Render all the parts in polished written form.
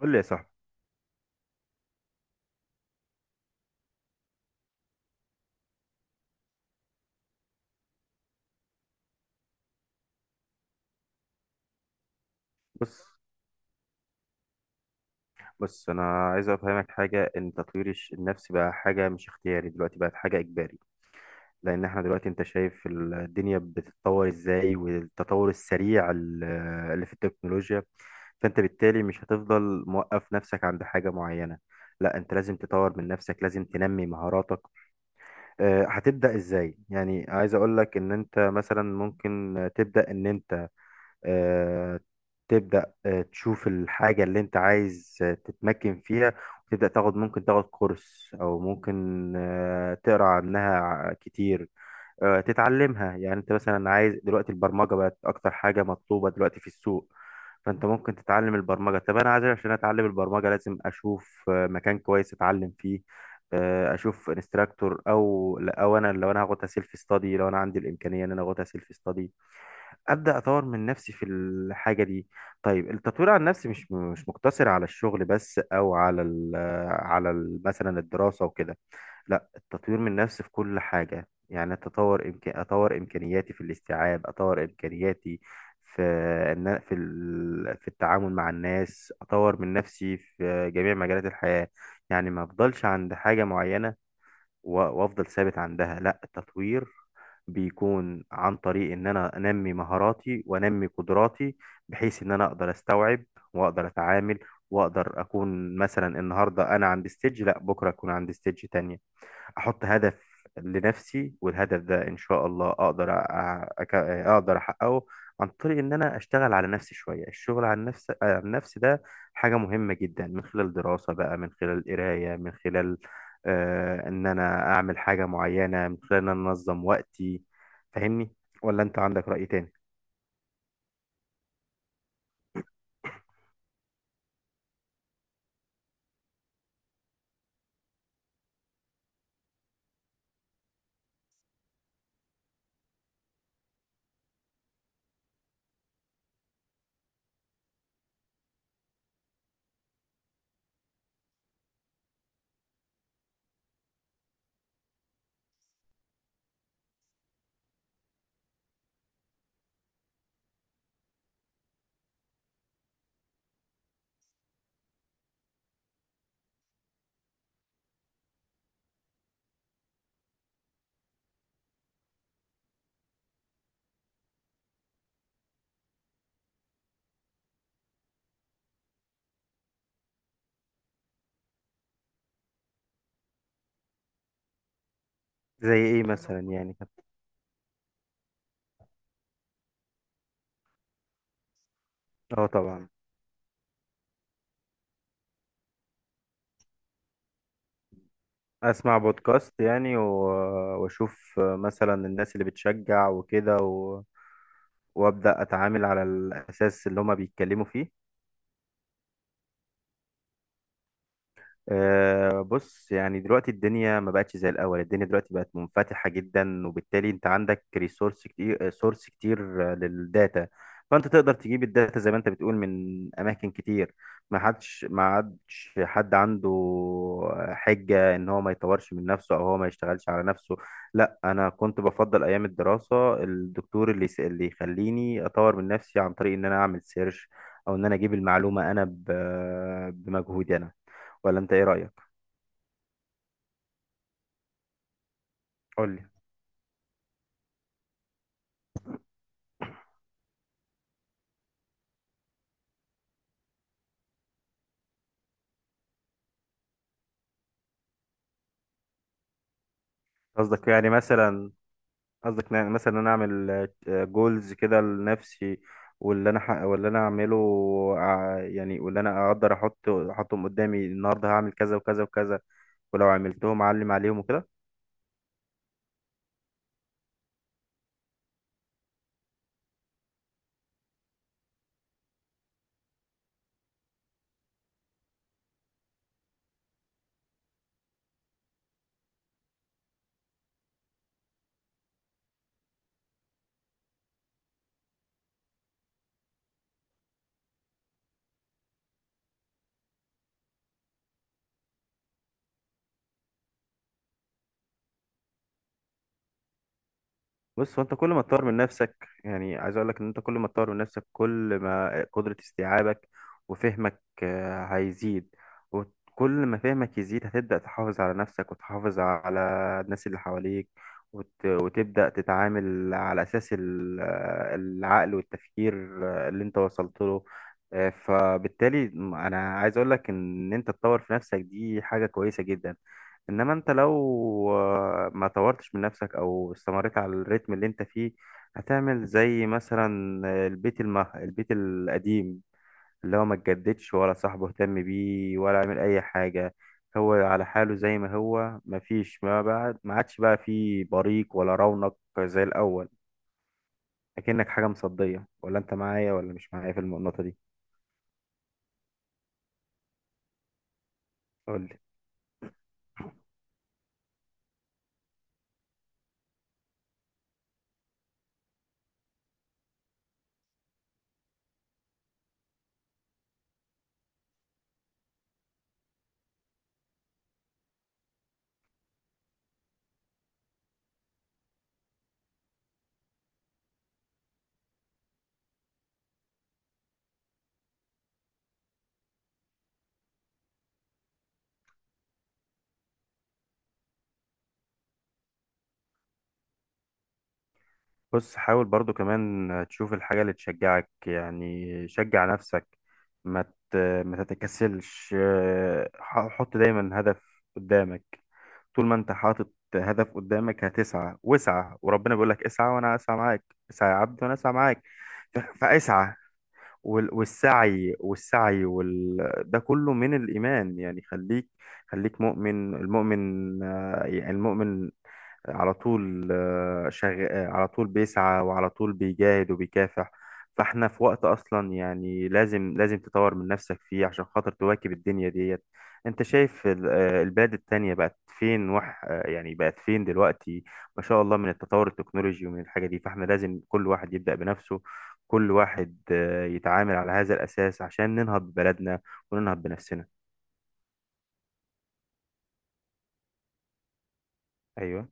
قول لي يا صاحبي. بص، انا عايز افهمك حاجه ان تطوير النفس بقى حاجه مش اختياري، دلوقتي بقت حاجه اجباري. لان احنا دلوقتي انت شايف الدنيا بتتطور ازاي، والتطور السريع اللي في التكنولوجيا. فانت بالتالي مش هتفضل موقف نفسك عند حاجه معينه، لا انت لازم تطور من نفسك، لازم تنمي مهاراتك. هتبدا ازاي؟ يعني عايز اقول لك ان انت مثلا ممكن تبدا ان انت آه، تبدأ تشوف الحاجة اللي انت عايز تتمكن فيها، وتبدأ تاخد، ممكن تاخد كورس او ممكن تقرا عنها كتير، تتعلمها. يعني انت مثلا عايز دلوقتي، البرمجة بقت اكتر حاجة مطلوبة دلوقتي في السوق، فانت ممكن تتعلم البرمجة. طب انا عايز، عشان اتعلم البرمجة لازم اشوف مكان كويس اتعلم فيه، اشوف انستراكتور او انا، لو انا هاخدها سيلف ستادي، لو انا عندي الامكانية ان انا اخدها سيلف ستادي، ابدا اطور من نفسي في الحاجه دي. طيب، التطوير عن نفسي مش مقتصر على الشغل بس، او على ال على ال مثلا الدراسه وكده. لا، التطوير من نفسي في كل حاجه، يعني اتطور، اطور امكانياتي في الاستيعاب، اطور امكانياتي في ان في التعامل مع الناس، اطور من نفسي في جميع مجالات الحياه. يعني ما افضلش عند حاجه معينه وافضل ثابت عندها. لا، التطوير بيكون عن طريق ان انا انمي مهاراتي وانمي قدراتي، بحيث ان انا اقدر استوعب واقدر اتعامل واقدر اكون، مثلا النهارده انا عند ستيج، لا بكره اكون عند ستيج تانية. احط هدف لنفسي، والهدف ده ان شاء الله اقدر اقدر احققه، عن طريق ان انا اشتغل على نفسي شويه. الشغل على النفس، ده حاجه مهمه جدا، من خلال دراسه بقى، من خلال قرايه، من خلال ان انا اعمل حاجه معينه، من خلال ان انا انظم وقتي. فاهمني، ولا انت عندك رأي تاني؟ زي ايه مثلا يعني؟ اه طبعا. اسمع بودكاست يعني، واشوف مثلا الناس اللي بتشجع وكده، وابدا اتعامل على الاساس اللي هما بيتكلموا فيه. بص، يعني دلوقتي الدنيا ما بقتش زي الأول، الدنيا دلوقتي بقت منفتحة جدا، وبالتالي أنت عندك ريسورس كتير، سورس كتير، للداتا. فأنت تقدر تجيب الداتا زي ما أنت بتقول من أماكن كتير. ما عادش حد عنده حجة إن هو ما يطورش من نفسه، أو هو ما يشتغلش على نفسه. لا، أنا كنت بفضل أيام الدراسة الدكتور اللي يخليني أطور من نفسي، عن طريق إن أنا أعمل سيرش، أو إن أنا أجيب المعلومة أنا بمجهودي أنا. ولا انت ايه رأيك؟ قول لي. قصدك يعني مثلا قصدك يعني مثلا انا اعمل جولز كده لنفسي، واللي انا اعمله، يعني واللي انا اقدر احطهم قدامي، النهارده هعمل كذا وكذا وكذا، ولو عملتهم اعلم عليهم وكده. بص، هو انت كل ما تطور من نفسك، يعني عايز اقول لك ان انت كل ما تطور من نفسك، كل ما قدرة استيعابك وفهمك هيزيد. وكل ما فهمك يزيد هتبدأ تحافظ على نفسك وتحافظ على الناس اللي حواليك، وتبدأ تتعامل على أساس العقل والتفكير اللي انت وصلت له. فبالتالي انا عايز اقول لك ان انت تطور في نفسك دي حاجة كويسة جدا. انما انت لو ما طورتش من نفسك، او استمريت على الريتم اللي انت فيه، هتعمل زي مثلا البيت القديم، اللي هو ما اتجددش ولا صاحبه اهتم بيه ولا عمل اي حاجة، هو على حاله زي ما هو، ما فيش ما بعد ما عادش بقى فيه بريق ولا رونق زي الاول، اكنك حاجة مصدية. ولا انت معايا ولا مش معايا في النقطة دي؟ قولي. بص، حاول برضو كمان تشوف الحاجة اللي تشجعك، يعني شجع نفسك، ما ت- ما تتكسلش، حط دايما هدف قدامك. طول ما انت حاطط هدف قدامك هتسعى، واسعى، وربنا بيقول لك اسعى وانا اسعى معاك، اسعى يا عبدي وانا اسعى معاك. فاسعى. والسعي ده كله من الإيمان. يعني خليك، خليك مؤمن. المؤمن المؤمن على طول آه، شغ... آه، على طول بيسعى، وعلى طول بيجاهد وبيكافح. فاحنا في وقت اصلا يعني لازم تطور من نفسك فيه، عشان خاطر تواكب الدنيا ديت. انت شايف البلاد التانية بقت فين، دلوقتي، ما شاء الله، من التطور التكنولوجي ومن الحاجة دي. فاحنا لازم كل واحد يبدأ بنفسه، كل واحد يتعامل على هذا الأساس، عشان ننهض ببلدنا وننهض بنفسنا. أيوه.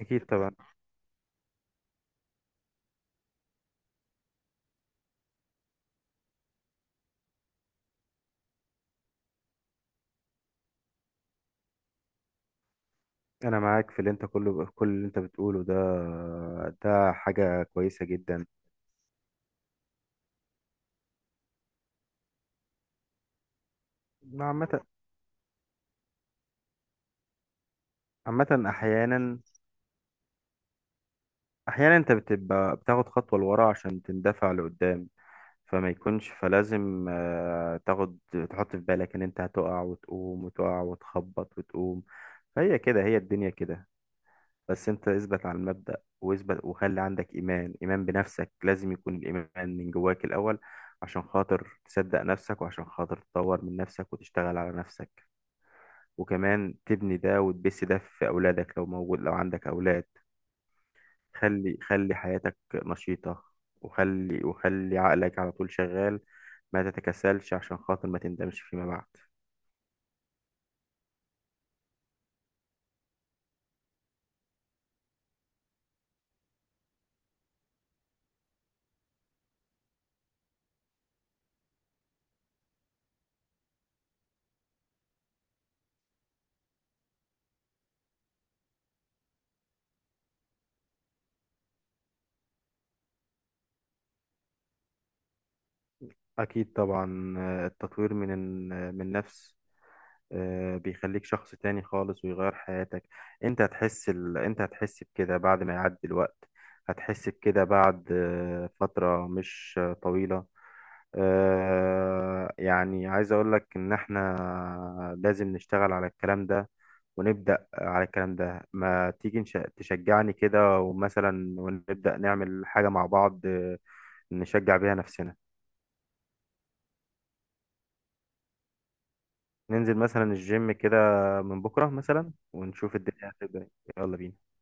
أكيد طبعا. أنا معاك في، اللي أنت كله كل اللي أنت بتقوله ده، ده حاجة كويسة جدا. عامة. عامة، أحيانا، أنت بتبقى بتاخد خطوة لورا عشان تندفع لقدام. فما يكونش فلازم تاخد، تحط في بالك إن أنت هتقع وتقوم وتقع وتخبط وتقوم، فهي كده، هي الدنيا كده. بس انت اثبت على المبدأ واثبت، وخلي عندك ايمان، ايمان بنفسك، لازم يكون الايمان من جواك الاول، عشان خاطر تصدق نفسك، وعشان خاطر تطور من نفسك وتشتغل على نفسك، وكمان تبني ده وتبث ده في اولادك، لو عندك اولاد. خلي حياتك نشيطة، وخلي عقلك على طول شغال، ما تتكسلش عشان خاطر ما تندمش فيما بعد. اكيد طبعا. التطوير من النفس بيخليك شخص تاني خالص ويغير حياتك. انت هتحس بكده بعد ما يعدي الوقت، هتحس بكده بعد فترة مش طويلة. يعني عايز اقولك ان احنا لازم نشتغل على الكلام ده، ونبدأ على الكلام ده. ما تيجي تشجعني كده، ومثلا ونبدأ نعمل حاجة مع بعض، نشجع بيها نفسنا. ننزل مثلا الجيم كده من بكرة مثلا، ونشوف الدنيا هتبقى إيه. يلا بينا.